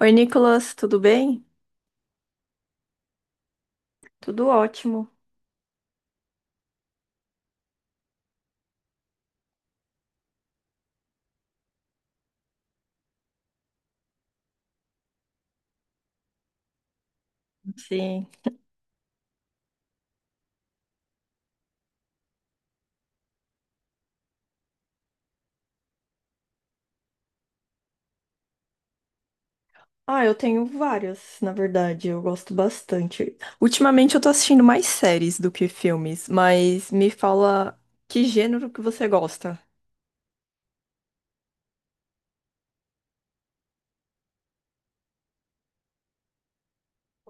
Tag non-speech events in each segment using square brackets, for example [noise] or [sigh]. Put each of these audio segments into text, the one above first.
Oi, Nicolas, tudo bem? Tudo ótimo. Sim. Ah, eu tenho várias, na verdade, eu gosto bastante. Ultimamente eu tô assistindo mais séries do que filmes, mas me fala que gênero que você gosta.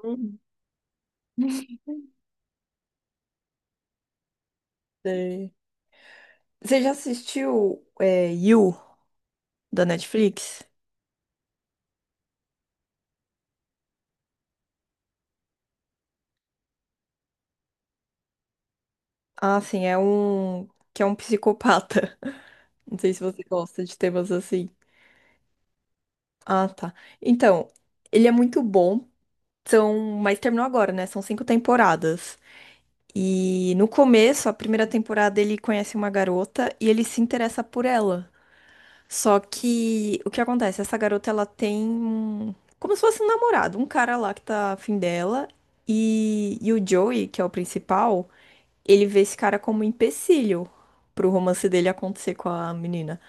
Hum. Sei. Você já assistiu You, da Netflix? Ah, sim, é um que é um psicopata. [laughs] Não sei se você gosta de temas assim. Ah, tá. Então, ele é muito bom. São, mas terminou agora, né? São cinco temporadas. E no começo, a primeira temporada, ele conhece uma garota e ele se interessa por ela. Só que o que acontece? Essa garota ela tem como se fosse um namorado, um cara lá que tá afim dela. E o Joey, que é o principal, ele vê esse cara como um empecilho pro romance dele acontecer com a menina.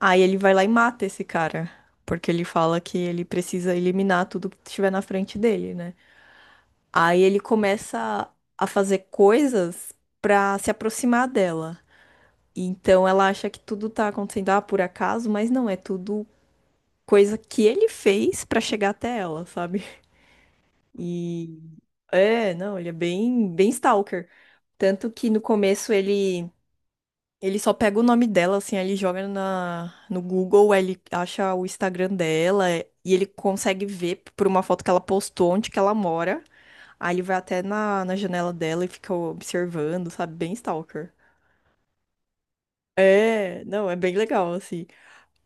Aí ele vai lá e mata esse cara, porque ele fala que ele precisa eliminar tudo que estiver na frente dele, né? Aí ele começa a fazer coisas pra se aproximar dela. Então ela acha que tudo tá acontecendo por acaso, mas não, é tudo coisa que ele fez pra chegar até ela, sabe? E é, não, ele é bem, bem stalker. Tanto que no começo ele só pega o nome dela, assim, aí ele joga no Google, aí ele acha o Instagram dela e ele consegue ver por uma foto que ela postou onde que ela mora. Aí ele vai até na janela dela e fica observando, sabe? Bem stalker. É, não, é bem legal, assim.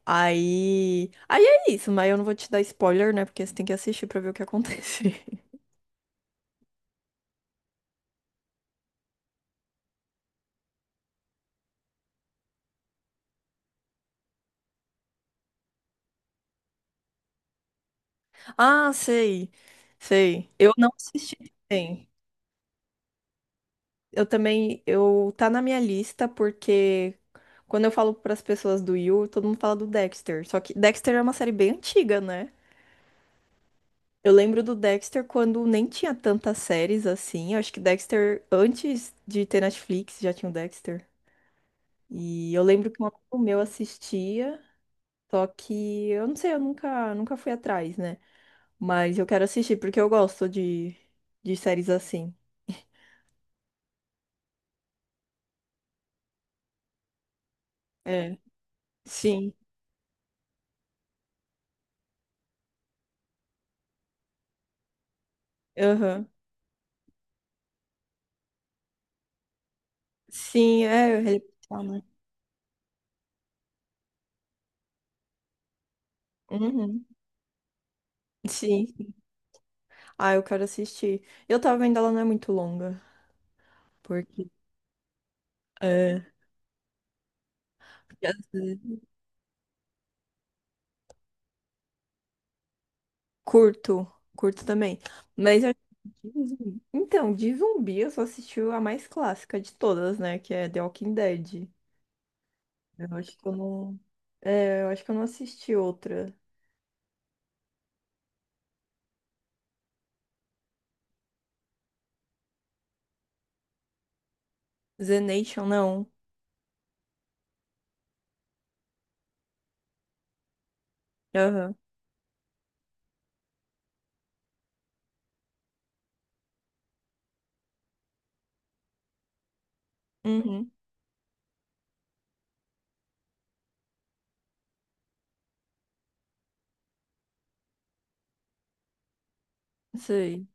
Aí. Aí é isso, mas eu não vou te dar spoiler, né? Porque você tem que assistir pra ver o que acontece. [laughs] Ah, sei. Sei. Eu não assisti também. Eu também. Eu tá na minha lista porque quando eu falo pras pessoas do You, todo mundo fala do Dexter. Só que Dexter é uma série bem antiga, né? Eu lembro do Dexter quando nem tinha tantas séries assim. Eu acho que Dexter, antes de ter Netflix, já tinha o Dexter. E eu lembro que um amigo meu assistia, só que eu não sei, eu nunca, nunca fui atrás, né? Mas eu quero assistir porque eu gosto de séries assim. É. Sim. Aham. Sim, é. Ah, né? Uhum. Sim. Ah, eu quero assistir. Eu tava vendo ela não é muito longa, porque. É. Curto, curto também. Mas eu- Então, de zumbi eu só assisti a mais clássica de todas, né? Que é The Walking Dead. Eu acho que eu não. Eu acho que eu não assisti outra. The Nation, não. Aham. Uhum. Sei.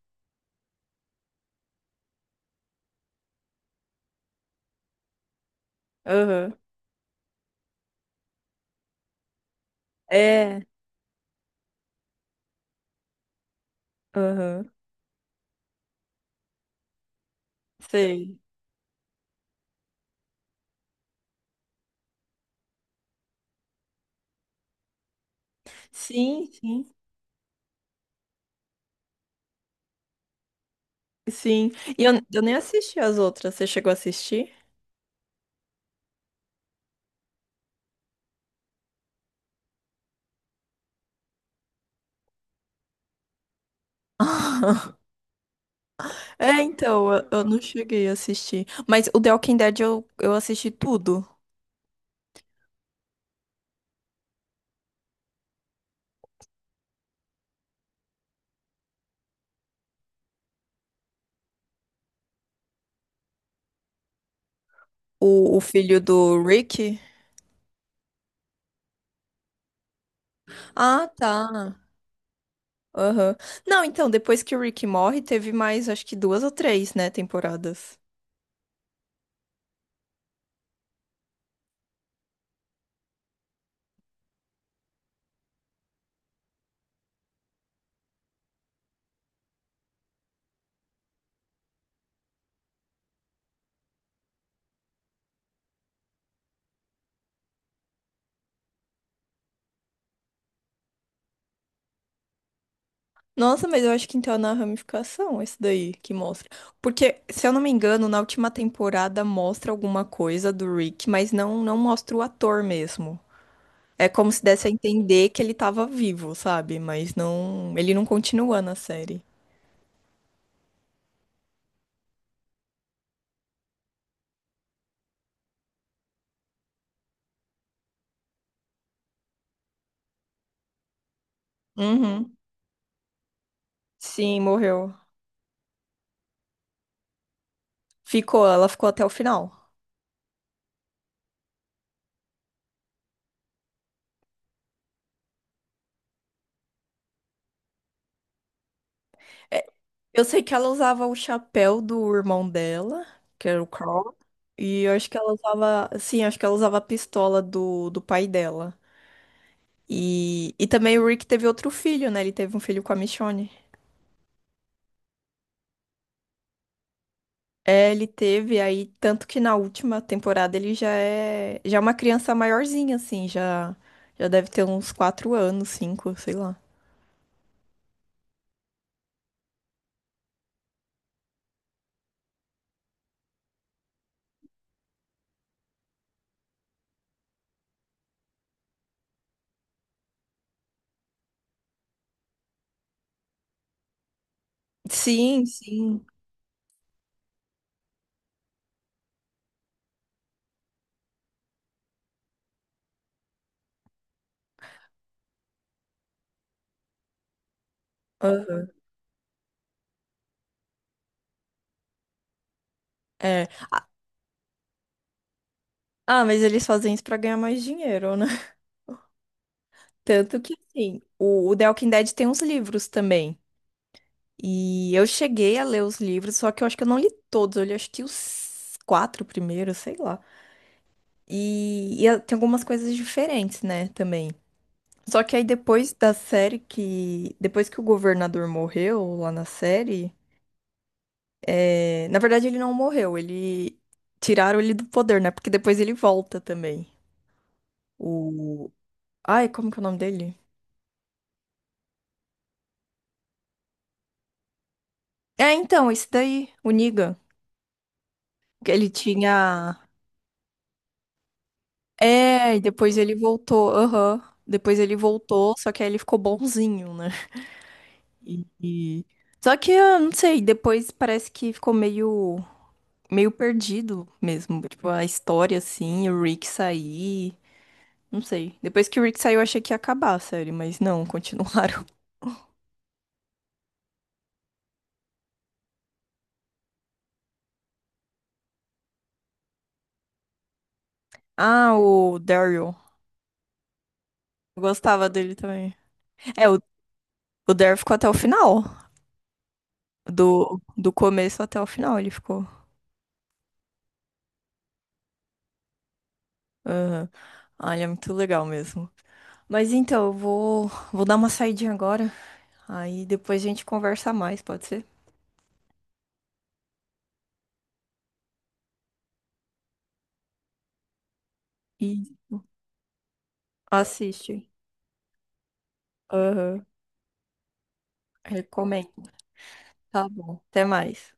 Aham. É. Aham. Sei. Sim, sim. Sim. E eu nem assisti as outras. Você chegou a assistir? [laughs] É, então, eu não cheguei a assistir. Mas o The Walking Dead eu assisti tudo. O filho do Rick? Ah, tá. Aham. Não, então, depois que o Rick morre, teve mais, acho que duas ou três, né, temporadas. Nossa, mas eu acho que então é na ramificação esse daí que mostra. Porque, se eu não me engano, na última temporada mostra alguma coisa do Rick, mas não mostra o ator mesmo. É como se desse a entender que ele tava vivo, sabe? Mas não, ele não continua na série. Uhum. Sim, morreu. Ficou, ela ficou até o final. Eu sei que ela usava o chapéu do irmão dela, que era o Carl. E eu acho que ela usava. Sim, acho que ela usava a pistola do pai dela. E também o Rick teve outro filho, né? Ele teve um filho com a Michonne. É, ele teve aí, tanto que na última temporada ele já é uma criança maiorzinha, assim, já deve ter uns quatro anos, cinco, sei lá. Sim, sim. Aham. É. Ah, mas eles fazem isso pra ganhar mais dinheiro, né? Tanto que, assim, o The Walking Dead tem uns livros também. E eu cheguei a ler os livros, só que eu acho que eu não li todos. Eu li acho que os quatro primeiros, sei lá. Tem algumas coisas diferentes, né, também. Só que aí depois da série que... Depois que o governador morreu lá na série... Na verdade, ele não morreu. Ele... Tiraram ele do poder, né? Porque depois ele volta também. O... Ai, como que é o nome dele? É, então, esse daí, o Negan. Que ele tinha... É, e depois ele voltou. Aham. Depois ele voltou, só que aí ele ficou bonzinho, né? E... e- Só que, eu não sei, depois parece que ficou meio... meio perdido mesmo. Tipo, a história, assim, o Rick sair... Não sei. Depois que o Rick saiu, eu achei que ia acabar a série, mas não, continuaram. [laughs] Ah, o Daryl. Eu gostava dele também. É, o Daryl ficou até o final. Do começo até o final ele ficou. Aham. Olha, muito legal mesmo. Mas então, vou dar uma saidinha agora. Aí depois a gente conversa mais, pode ser? E assiste. Aham. Recomendo. Tá bom. Até mais.